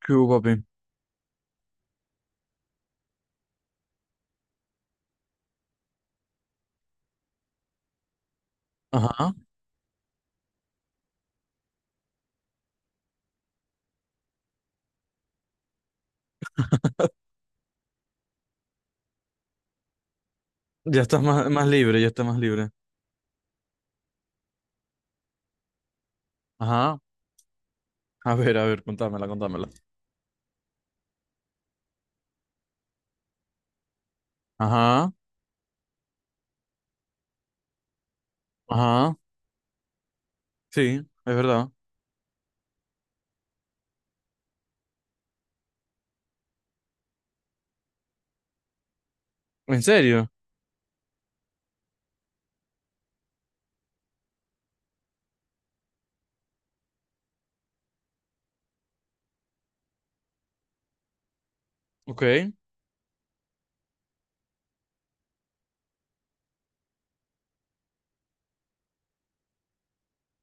¿Qué hubo, papi? Ajá. Ya estás más libre, ya estás más libre. Ajá. A ver, contámela, contámela. Ajá. Ajá. Sí, es verdad. ¿En serio? Ok,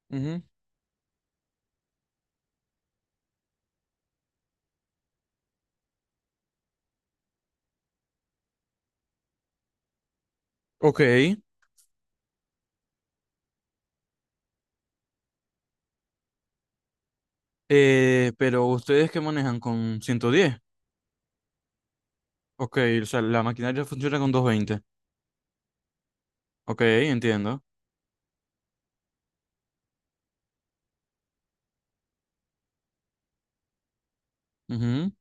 ujú, ok. Pero ustedes que manejan con 110. Ok, o sea, la maquinaria funciona con 220. Ok, entiendo. Ujú,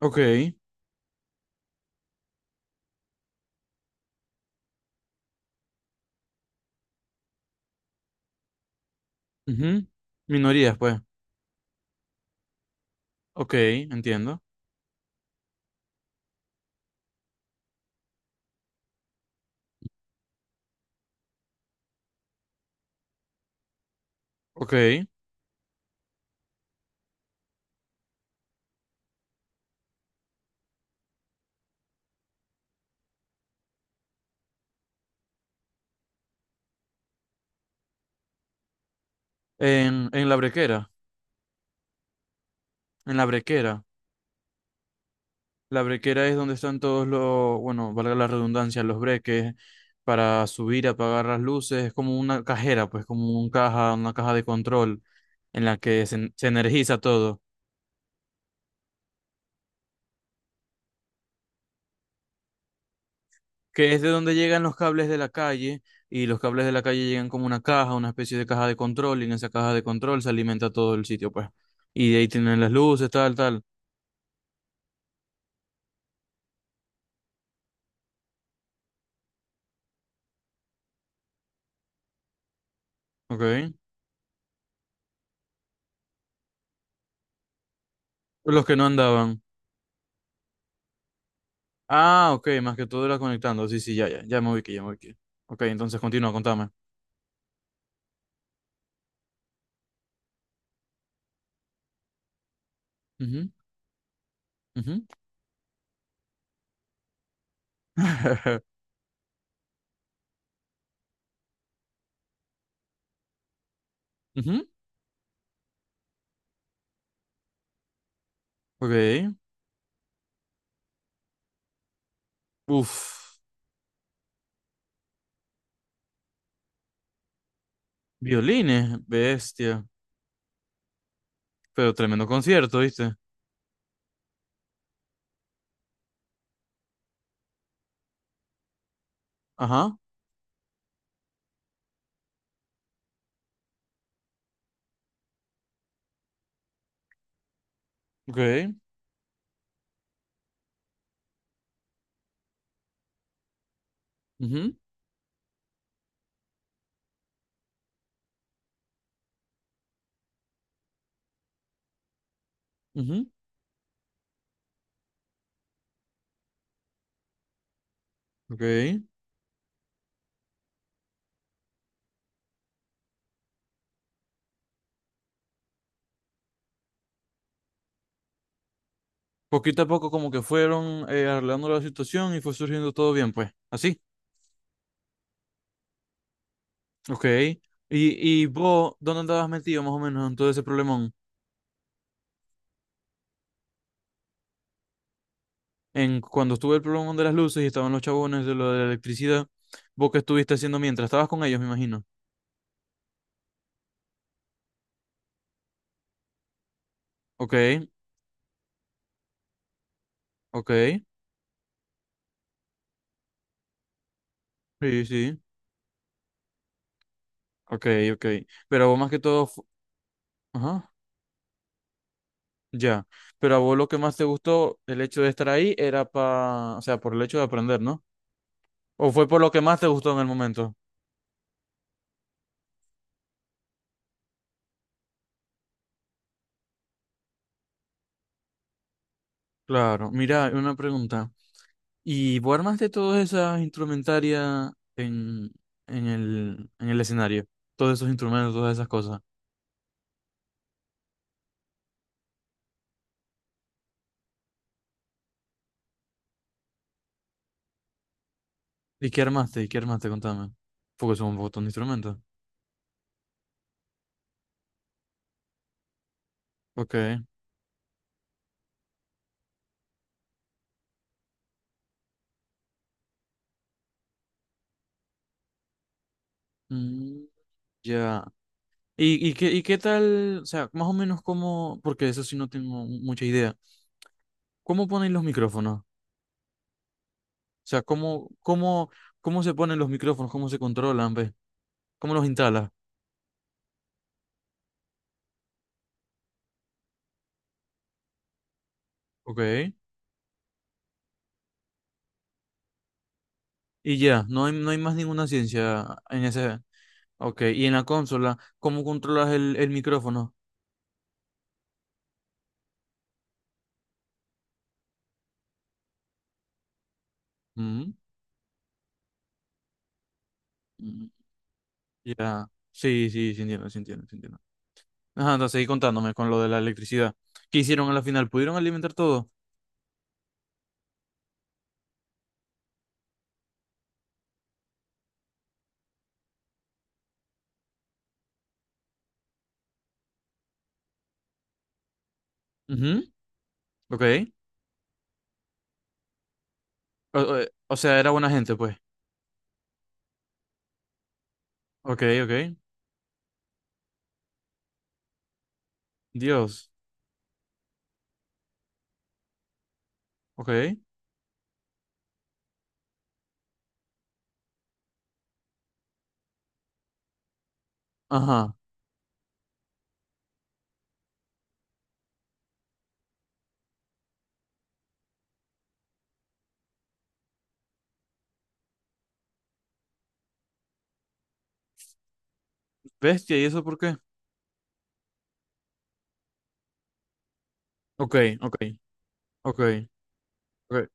ok, ujú. Minorías, pues. Ok, entiendo. Ok. En la brequera. En la brequera. La brequera es donde están todos los, bueno, valga la redundancia, los breques para subir, apagar las luces. Es como una cajera, pues como un caja, una caja de control en la que se energiza todo. Que es de donde llegan los cables de la calle y los cables de la calle llegan como una caja, una especie de caja de control y en esa caja de control se alimenta todo el sitio, pues. Y de ahí tienen las luces, tal, tal. Ok. Los que no andaban. Ah, ok, más que todo era conectando. Sí, sí, ya, ya, ya me ubiqué, ya me ubiqué. Ok, entonces continúa, contame. Ujú, ujú. Ujú, ok. Uf. Violines, bestia. Pero tremendo concierto, ¿viste? Ajá. Ok. Ujú, ujú, ok. Poquito a poco como que fueron arreglando la situación y fue surgiendo todo bien, pues. Así. Ok. Y vos dónde andabas metido más o menos en todo ese problemón? En cuando estuve el problemón de las luces y estaban los chabones de lo de la electricidad, ¿vos qué estuviste haciendo mientras? Estabas con ellos, me imagino. Ok, ok. Sí, sí. Ok, ok. Pero vos más que todo. Ajá, ya. Pero a vos lo que más te gustó, el hecho de estar ahí, era para, o sea, por el hecho de aprender, ¿no? ¿O fue por lo que más te gustó en el momento? Claro, mira, una pregunta. ¿Y vos armaste todas esas instrumentarias en en el escenario? Todos esos instrumentos, todas esas cosas. ¿Y qué armaste? ¿Y qué armaste? Contame. Porque son un montón de instrumentos. Ok. Mm, ya. Y qué tal? O sea, más o menos cómo, porque eso sí no tengo mucha idea. ¿Cómo ponen los micrófonos? O sea, ¿cómo se ponen los micrófonos? ¿Cómo se controlan, ve? ¿Cómo los instala? Ok. Y ya, no hay, no hay más ninguna ciencia en ese. Ok. Y en la consola, ¿cómo controlas el micrófono? Mm, mm, ya. Sí, sí, sí entiendo, sí entiendo, sí entiendo. Ajá, entonces seguí contándome con lo de la electricidad. ¿Qué hicieron a la final? ¿Pudieron alimentar todo? Ujú, ok. O sea, era buena gente, pues. Ok, ok. Dios. Ok. Ajá. Bestia, ¿y eso por qué? Ok, ok, ok, ok.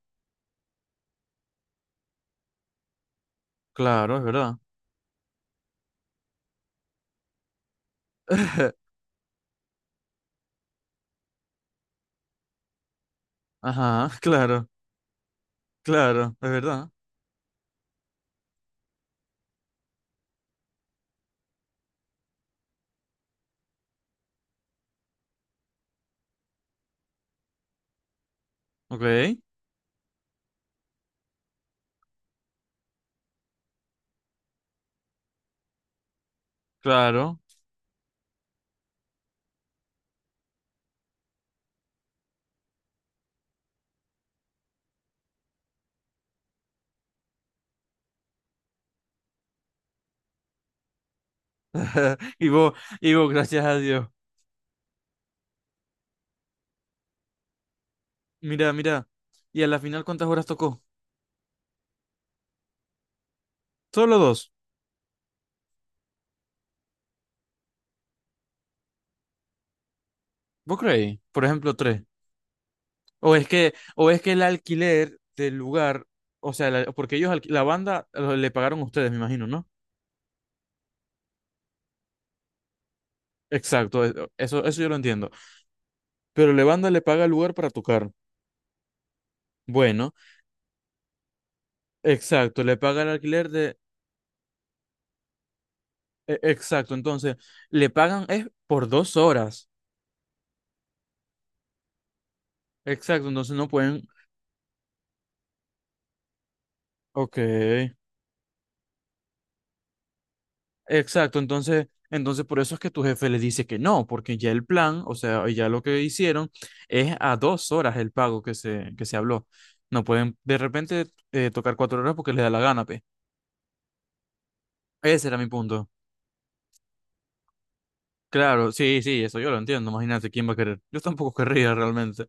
Claro, es verdad. Ajá, claro, claro, es verdad. Ok, claro. Y vos, y vos, gracias a Dios. Mira, mira. ¿Y a la final cuántas horas tocó? Solo dos. ¿Vos creéis? Por ejemplo, tres. O es que el alquiler del lugar, o sea, la- porque ellos, alqui- la banda lo- le pagaron a ustedes, me imagino, ¿no? Exacto, e- eso yo lo entiendo. Pero la banda le paga el lugar para tocar. Bueno, exacto, le paga el alquiler de... e- Exacto, entonces, le pagan es por dos horas. Exacto, entonces no pueden. Ok. Exacto, entonces, entonces por eso es que tu jefe le dice que no, porque ya el plan, o sea, ya lo que hicieron es a dos horas el pago que que se habló. No pueden de repente tocar cuatro horas porque les da la gana, pe. Ese era mi punto. Claro, sí, sí, eso yo lo entiendo. Imagínate quién va a querer. Yo tampoco querría realmente.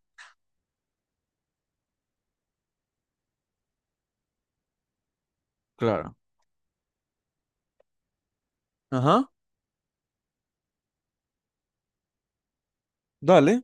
Claro. Ajá. Dale.